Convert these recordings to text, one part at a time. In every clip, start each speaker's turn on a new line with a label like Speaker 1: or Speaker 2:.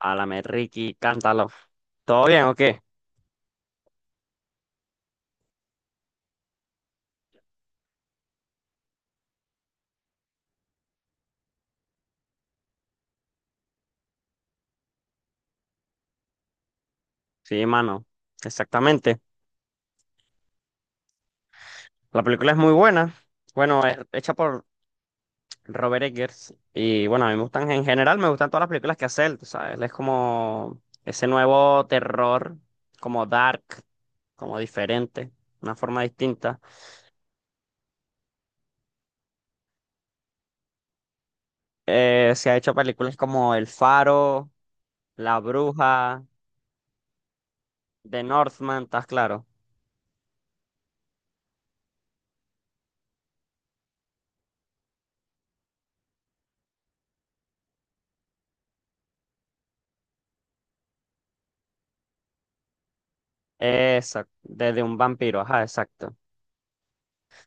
Speaker 1: Álame, Ricky, cántalo. ¿Todo bien o qué? Sí, mano. Exactamente. La película es muy buena. Bueno, es hecha por Robert Eggers. Y bueno, a mí me gustan, en general, me gustan todas las películas que hace él, tú ¿sabes? Él es como ese nuevo terror, como dark, como diferente, una forma distinta. Se ha hecho películas como El Faro, La Bruja, The Northman, ¿estás claro? Exacto, desde un vampiro, ajá, exacto.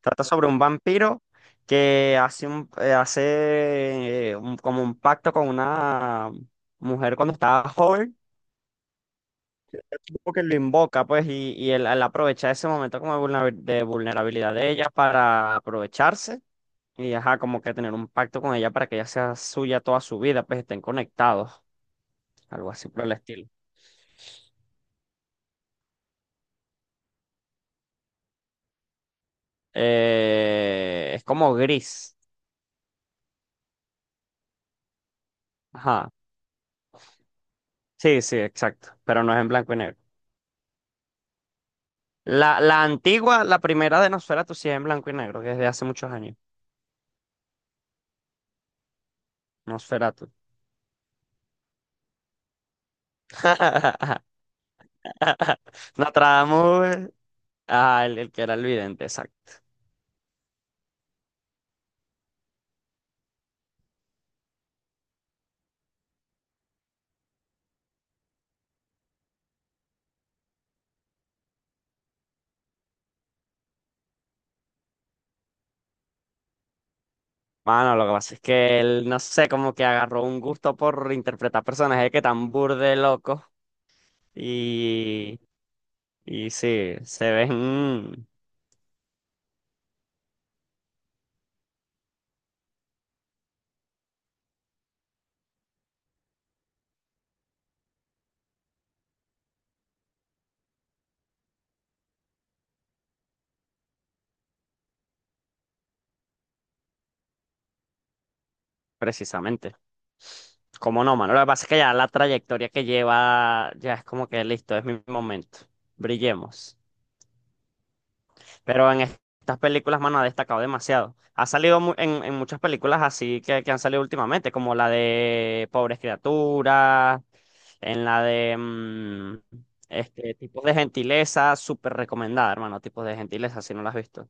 Speaker 1: Trata sobre un vampiro que como un pacto con una mujer cuando estaba joven, tipo que lo invoca, pues, y él, él aprovecha ese momento como de de vulnerabilidad de ella para aprovecharse y, ajá, como que tener un pacto con ella para que ella sea suya toda su vida, pues estén conectados, algo así por el estilo. Es como gris, ajá. Sí, exacto, pero no es en blanco y negro. La antigua, la primera de Nosferatu, sí es en blanco y negro, que es de hace muchos años. Nosferatu. Nostradamus, ah, el que era el vidente, exacto. Mano, lo que pasa es que él, no sé, como que agarró un gusto por interpretar personajes que tan burde locos y, y sí, se ven precisamente. Como no, mano? Lo que pasa es que ya la trayectoria que lleva, ya es como que listo, es mi momento. Brillemos. Pero en estas películas, mano, ha destacado demasiado. Ha salido en muchas películas así que han salido últimamente, como la de Pobres Criaturas, en la de Tipos de Gentileza, súper recomendada, hermano, Tipos de Gentileza, si no la has visto.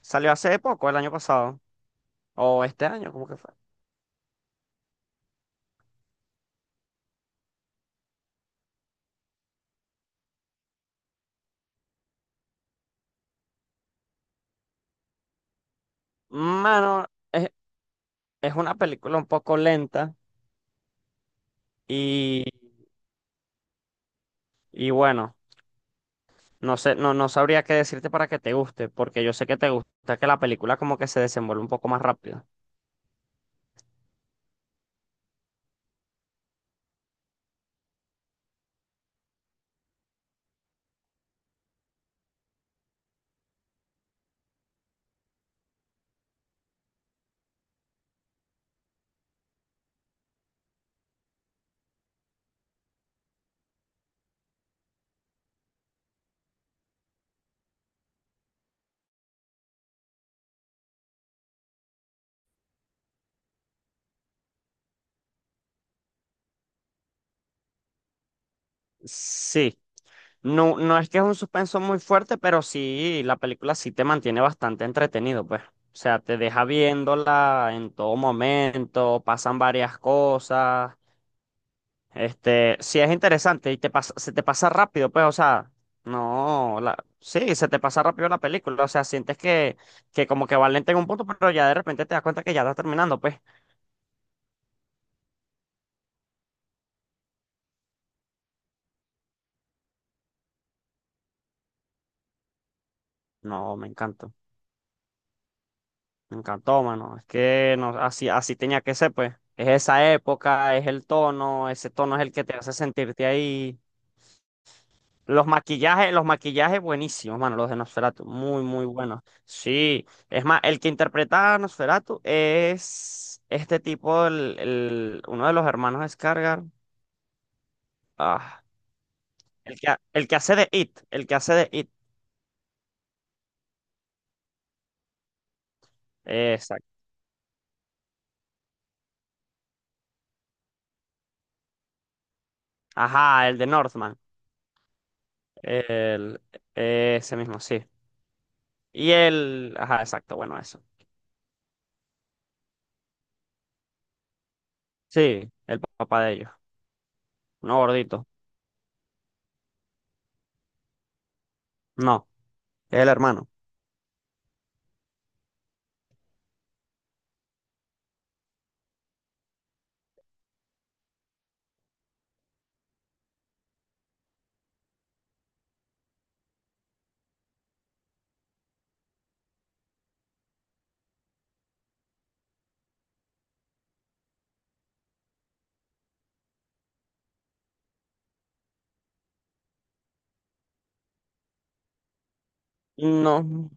Speaker 1: Salió hace poco, el año pasado, o este año, ¿cómo que fue? Mano, es, es una película un poco lenta y, y bueno. No sé, no, no sabría qué decirte para que te guste, porque yo sé que te gusta que la película como que se desenvuelve un poco más rápido. Sí, no, no es que es un suspenso muy fuerte, pero sí, la película sí te mantiene bastante entretenido, pues. O sea, te deja viéndola en todo momento, pasan varias cosas. Este, sí es interesante y se te pasa rápido, pues, o sea, no, sí, se te pasa rápido la película, o sea, sientes que como que va lenta en un punto, pero ya de repente te das cuenta que ya está terminando, pues. No, me encantó, mano. Es que no, así, así tenía que ser, pues. Es esa época, es el tono, ese tono es el que te hace sentirte ahí. Los maquillajes buenísimos, mano, los de Nosferatu, muy, muy buenos. Sí, es más, el que interpreta a Nosferatu es este tipo, uno de los hermanos Skarsgård. Ah, el que hace de It, el que hace de It. Exacto. Ajá, el de Northman. El, ese mismo, sí. Y él, ajá, exacto, bueno, eso. Sí, el papá de ellos, no gordito. No, es el hermano. No,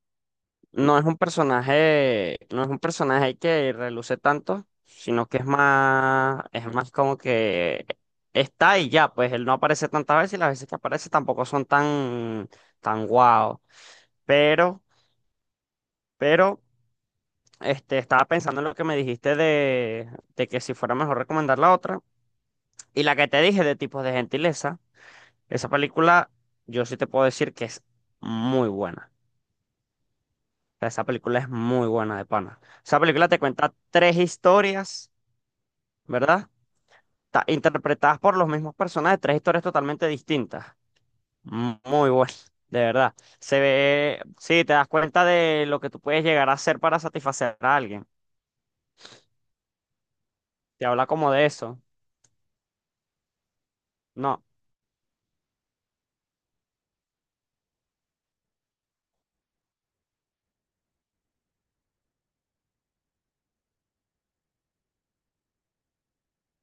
Speaker 1: no es un personaje, no es un personaje que reluce tanto, sino que es más como que está y ya, pues él no aparece tantas veces y las veces que aparece tampoco son tan, tan guau. Pero, pero, este, estaba pensando en lo que me dijiste de que si fuera mejor recomendar la otra. Y la que te dije de Tipos de Gentileza. Esa película, yo sí te puedo decir que es muy buena. O sea, esa película es muy buena de pana. Esa película te cuenta tres historias, ¿verdad? Interpretadas por los mismos personajes, tres historias totalmente distintas. Muy buena, de verdad. Se ve, sí, te das cuenta de lo que tú puedes llegar a hacer para satisfacer a alguien. Te habla como de eso. No,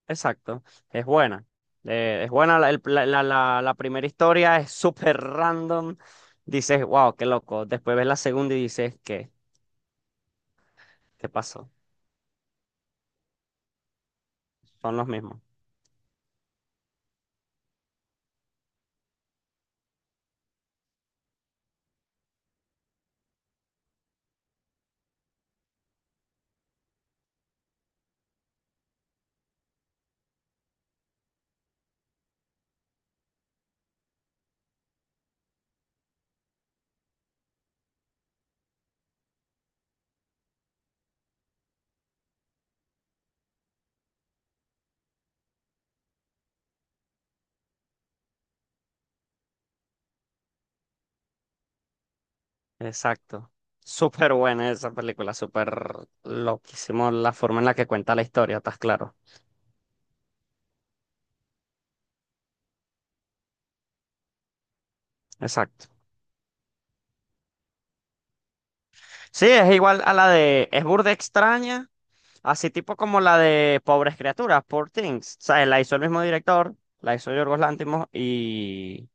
Speaker 1: exacto, es buena. Es buena, la, el- la- la- la- la primera historia es súper random. Dices, wow, qué loco. Después ves la segunda y dices, ¿qué? ¿Qué pasó? Son los mismos. Exacto. Súper buena esa película, súper loquísimo la forma en la que cuenta la historia, estás claro. Exacto. Sí, es igual a la de, es burda extraña, así tipo como la de Pobres Criaturas, Poor Things. O la hizo el mismo director, la hizo Yorgos Lanthimos y.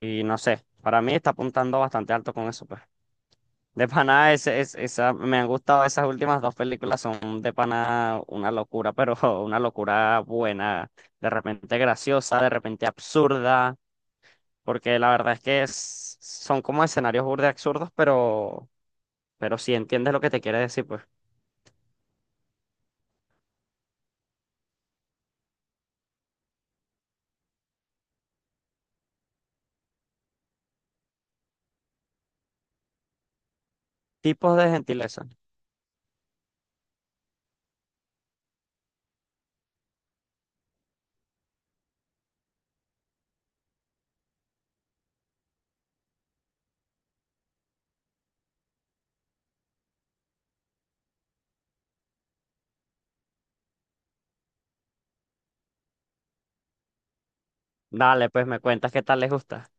Speaker 1: Y no sé, para mí está apuntando bastante alto con eso, pues. De pana, ese, es, esa, me han gustado esas últimas dos películas, son de pana una locura, pero una locura buena, de repente graciosa, de repente absurda, porque la verdad es que son como escenarios burde absurdos, pero sí entiendes lo que te quiere decir, pues. Tipos de gentileza. Dale, pues me cuentas qué tal les gusta.